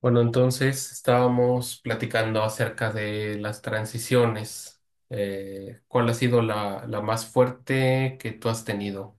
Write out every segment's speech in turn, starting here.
Bueno, entonces estábamos platicando acerca de las transiciones. ¿Cuál ha sido la más fuerte que tú has tenido?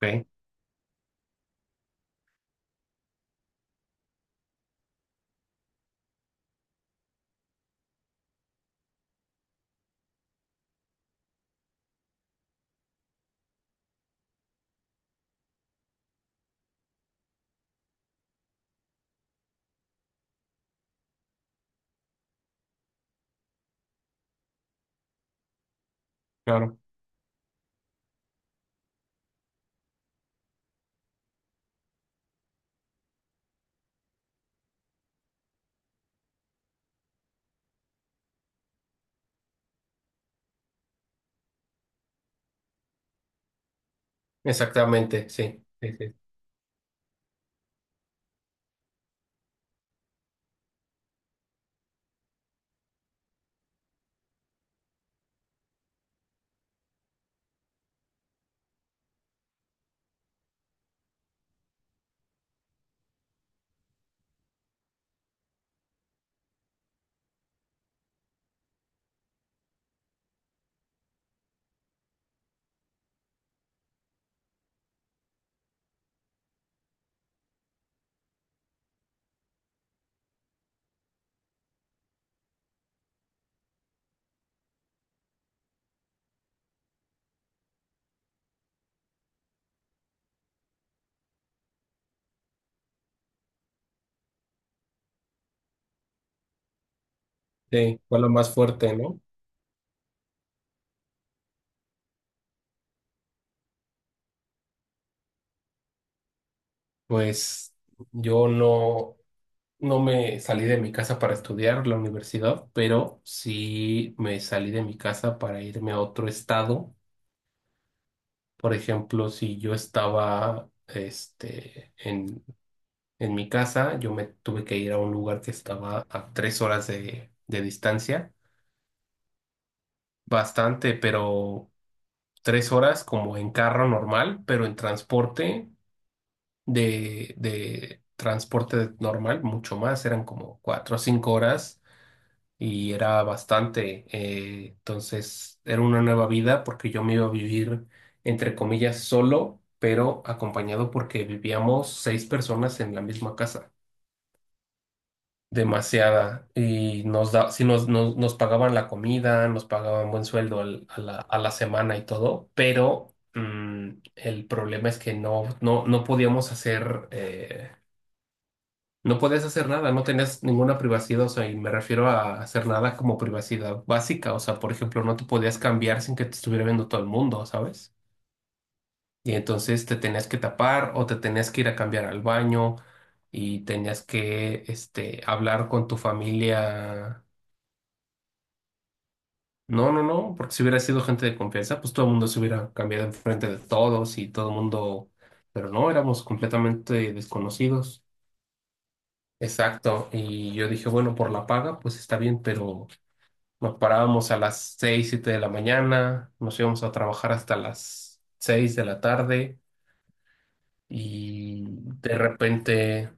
Ok, claro. Exactamente, sí. Sí, sí. Sí, fue la más fuerte, ¿no? Pues yo no, no me salí de mi casa para estudiar la universidad, pero sí me salí de mi casa para irme a otro estado. Por ejemplo, si yo estaba este, en mi casa yo me tuve que ir a un lugar que estaba a 3 horas de distancia, bastante, pero 3 horas como en carro normal, pero en transporte de transporte normal mucho más, eran como 4 o 5 horas y era bastante. Entonces era una nueva vida porque yo me iba a vivir entre comillas solo, pero acompañado porque vivíamos 6 personas en la misma casa. Demasiada y nos da, sí nos pagaban la comida, nos pagaban buen sueldo a a la semana y todo, pero el problema es que no, no, no podíamos hacer, no podías hacer nada, no tenías ninguna privacidad, o sea, y me refiero a hacer nada como privacidad básica, o sea, por ejemplo, no te podías cambiar sin que te estuviera viendo todo el mundo, ¿sabes? Y entonces te tenías que tapar o te tenías que ir a cambiar al baño y tenías que este, hablar con tu familia. No, no, no, porque si hubiera sido gente de confianza, pues todo el mundo se hubiera cambiado enfrente de todos y todo el mundo, pero no, éramos completamente desconocidos. Exacto, y yo dije, bueno, por la paga, pues está bien, pero nos parábamos a las seis, siete de la mañana, nos íbamos a trabajar hasta las seis de la tarde y de repente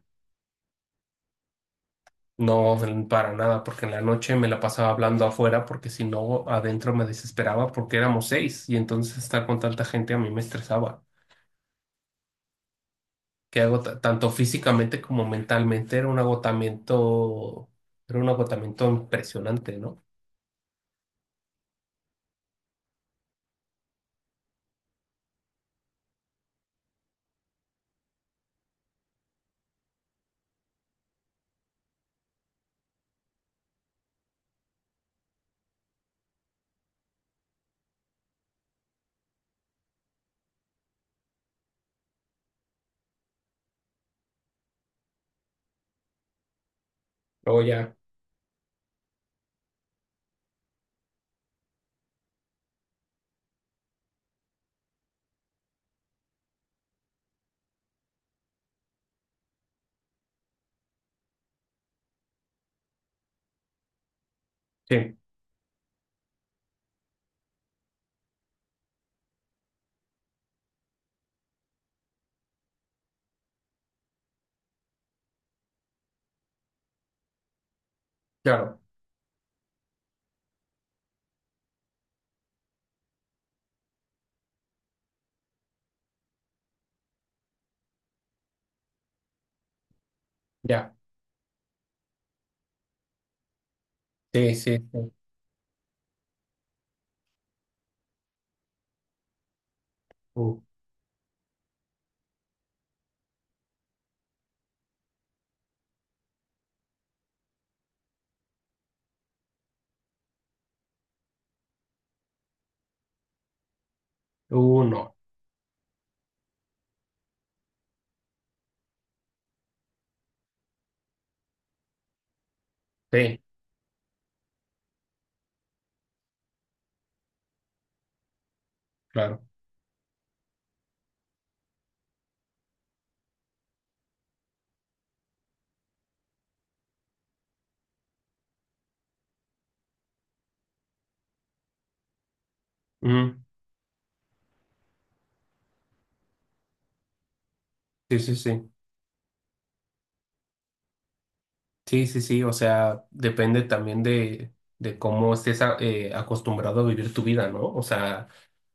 no, para nada, porque en la noche me la pasaba hablando afuera, porque si no, adentro me desesperaba porque éramos seis y entonces estar con tanta gente a mí me estresaba. Que agota, tanto físicamente como mentalmente era un agotamiento impresionante, ¿no? Luego ya, sí, claro, ya, sí, sí, sí, uh, no, sí, claro, ujú, sí, sí, sí, sí, sí, sí, o sea, depende también de cómo estés acostumbrado a vivir tu vida, ¿no? O sea,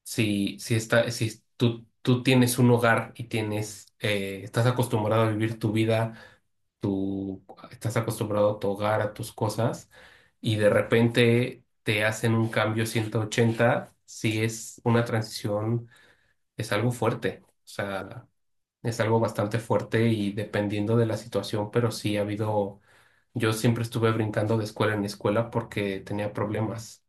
si, si, está, si tú tienes un hogar y tienes, estás acostumbrado a vivir tu vida, tú estás acostumbrado a tu hogar, a tus cosas, y de repente te hacen un cambio 180, sí es una transición, es algo fuerte, o sea, es algo bastante fuerte y dependiendo de la situación, pero sí ha habido, yo siempre estuve brincando de escuela en escuela porque tenía problemas.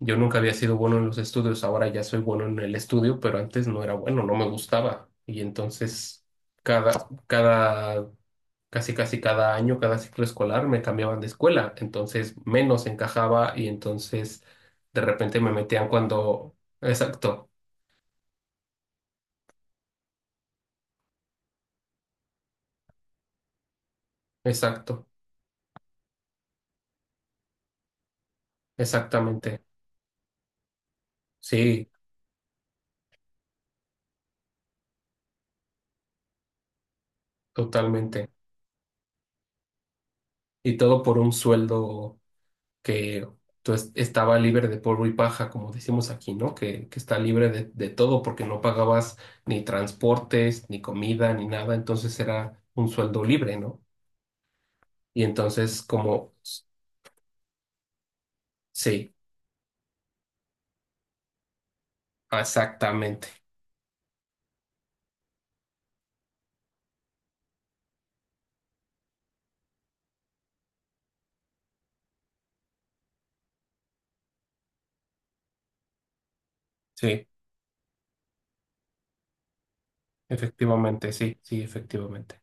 Yo nunca había sido bueno en los estudios, ahora ya soy bueno en el estudio, pero antes no era bueno, no me gustaba. Y entonces cada, cada, casi casi cada año, cada ciclo escolar me cambiaban de escuela, entonces menos encajaba y entonces de repente me metían cuando... Exacto, exacto, exactamente. Sí, totalmente. Y todo por un sueldo. Que entonces estaba libre de polvo y paja, como decimos aquí, ¿no? Que está libre de todo porque no pagabas ni transportes, ni comida, ni nada, entonces era un sueldo libre, ¿no? Y entonces como, sí, exactamente, sí, sí, efectivamente.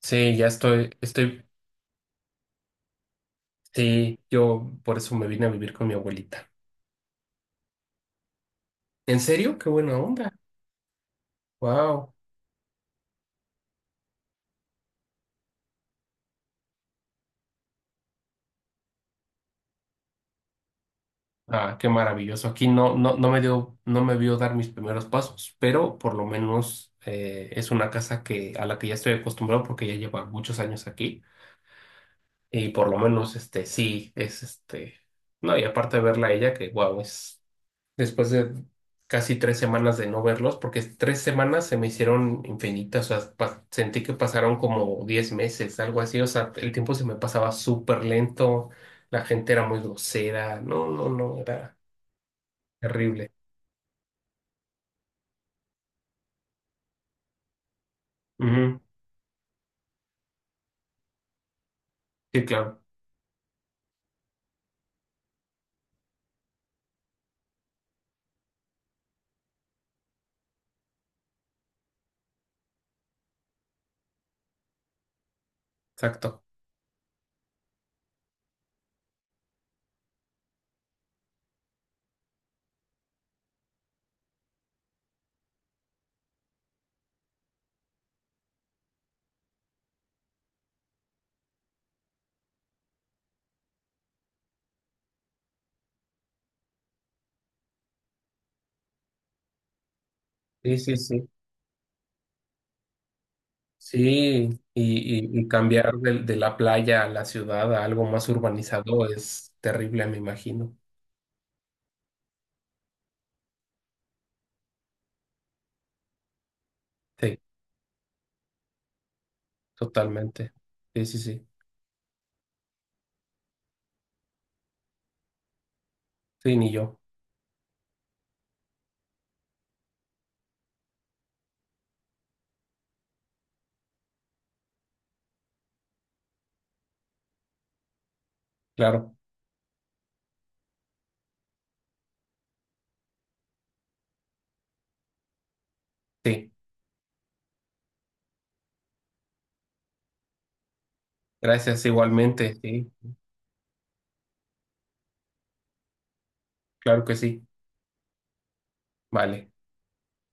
Sí, ya estoy, estoy, sí, yo por eso me vine a vivir con mi abuelita. ¿En serio? Qué buena onda. Wow. Ah, qué maravilloso. Aquí no, no, no me dio, no me vio dar mis primeros pasos, pero por lo menos es una casa a la que ya estoy acostumbrado porque ya lleva muchos años aquí. Y por lo menos este sí es este. No, y aparte de verla a ella, que wow, es después de casi tres semanas de no verlos, porque tres semanas se me hicieron infinitas. O sea, sentí que pasaron como 10 meses, algo así. O sea, el tiempo se me pasaba súper lento, la gente era muy grosera. No, no, no, era terrible. Ujú, sí, claro, exacto. Sí, sí, sí. Sí, y cambiar de la playa a la ciudad a algo más urbanizado es terrible, me imagino. Sí, totalmente. Sí, sí, sí. Sí, ni yo. Claro, sí. Gracias igualmente. Sí, claro que sí. Vale.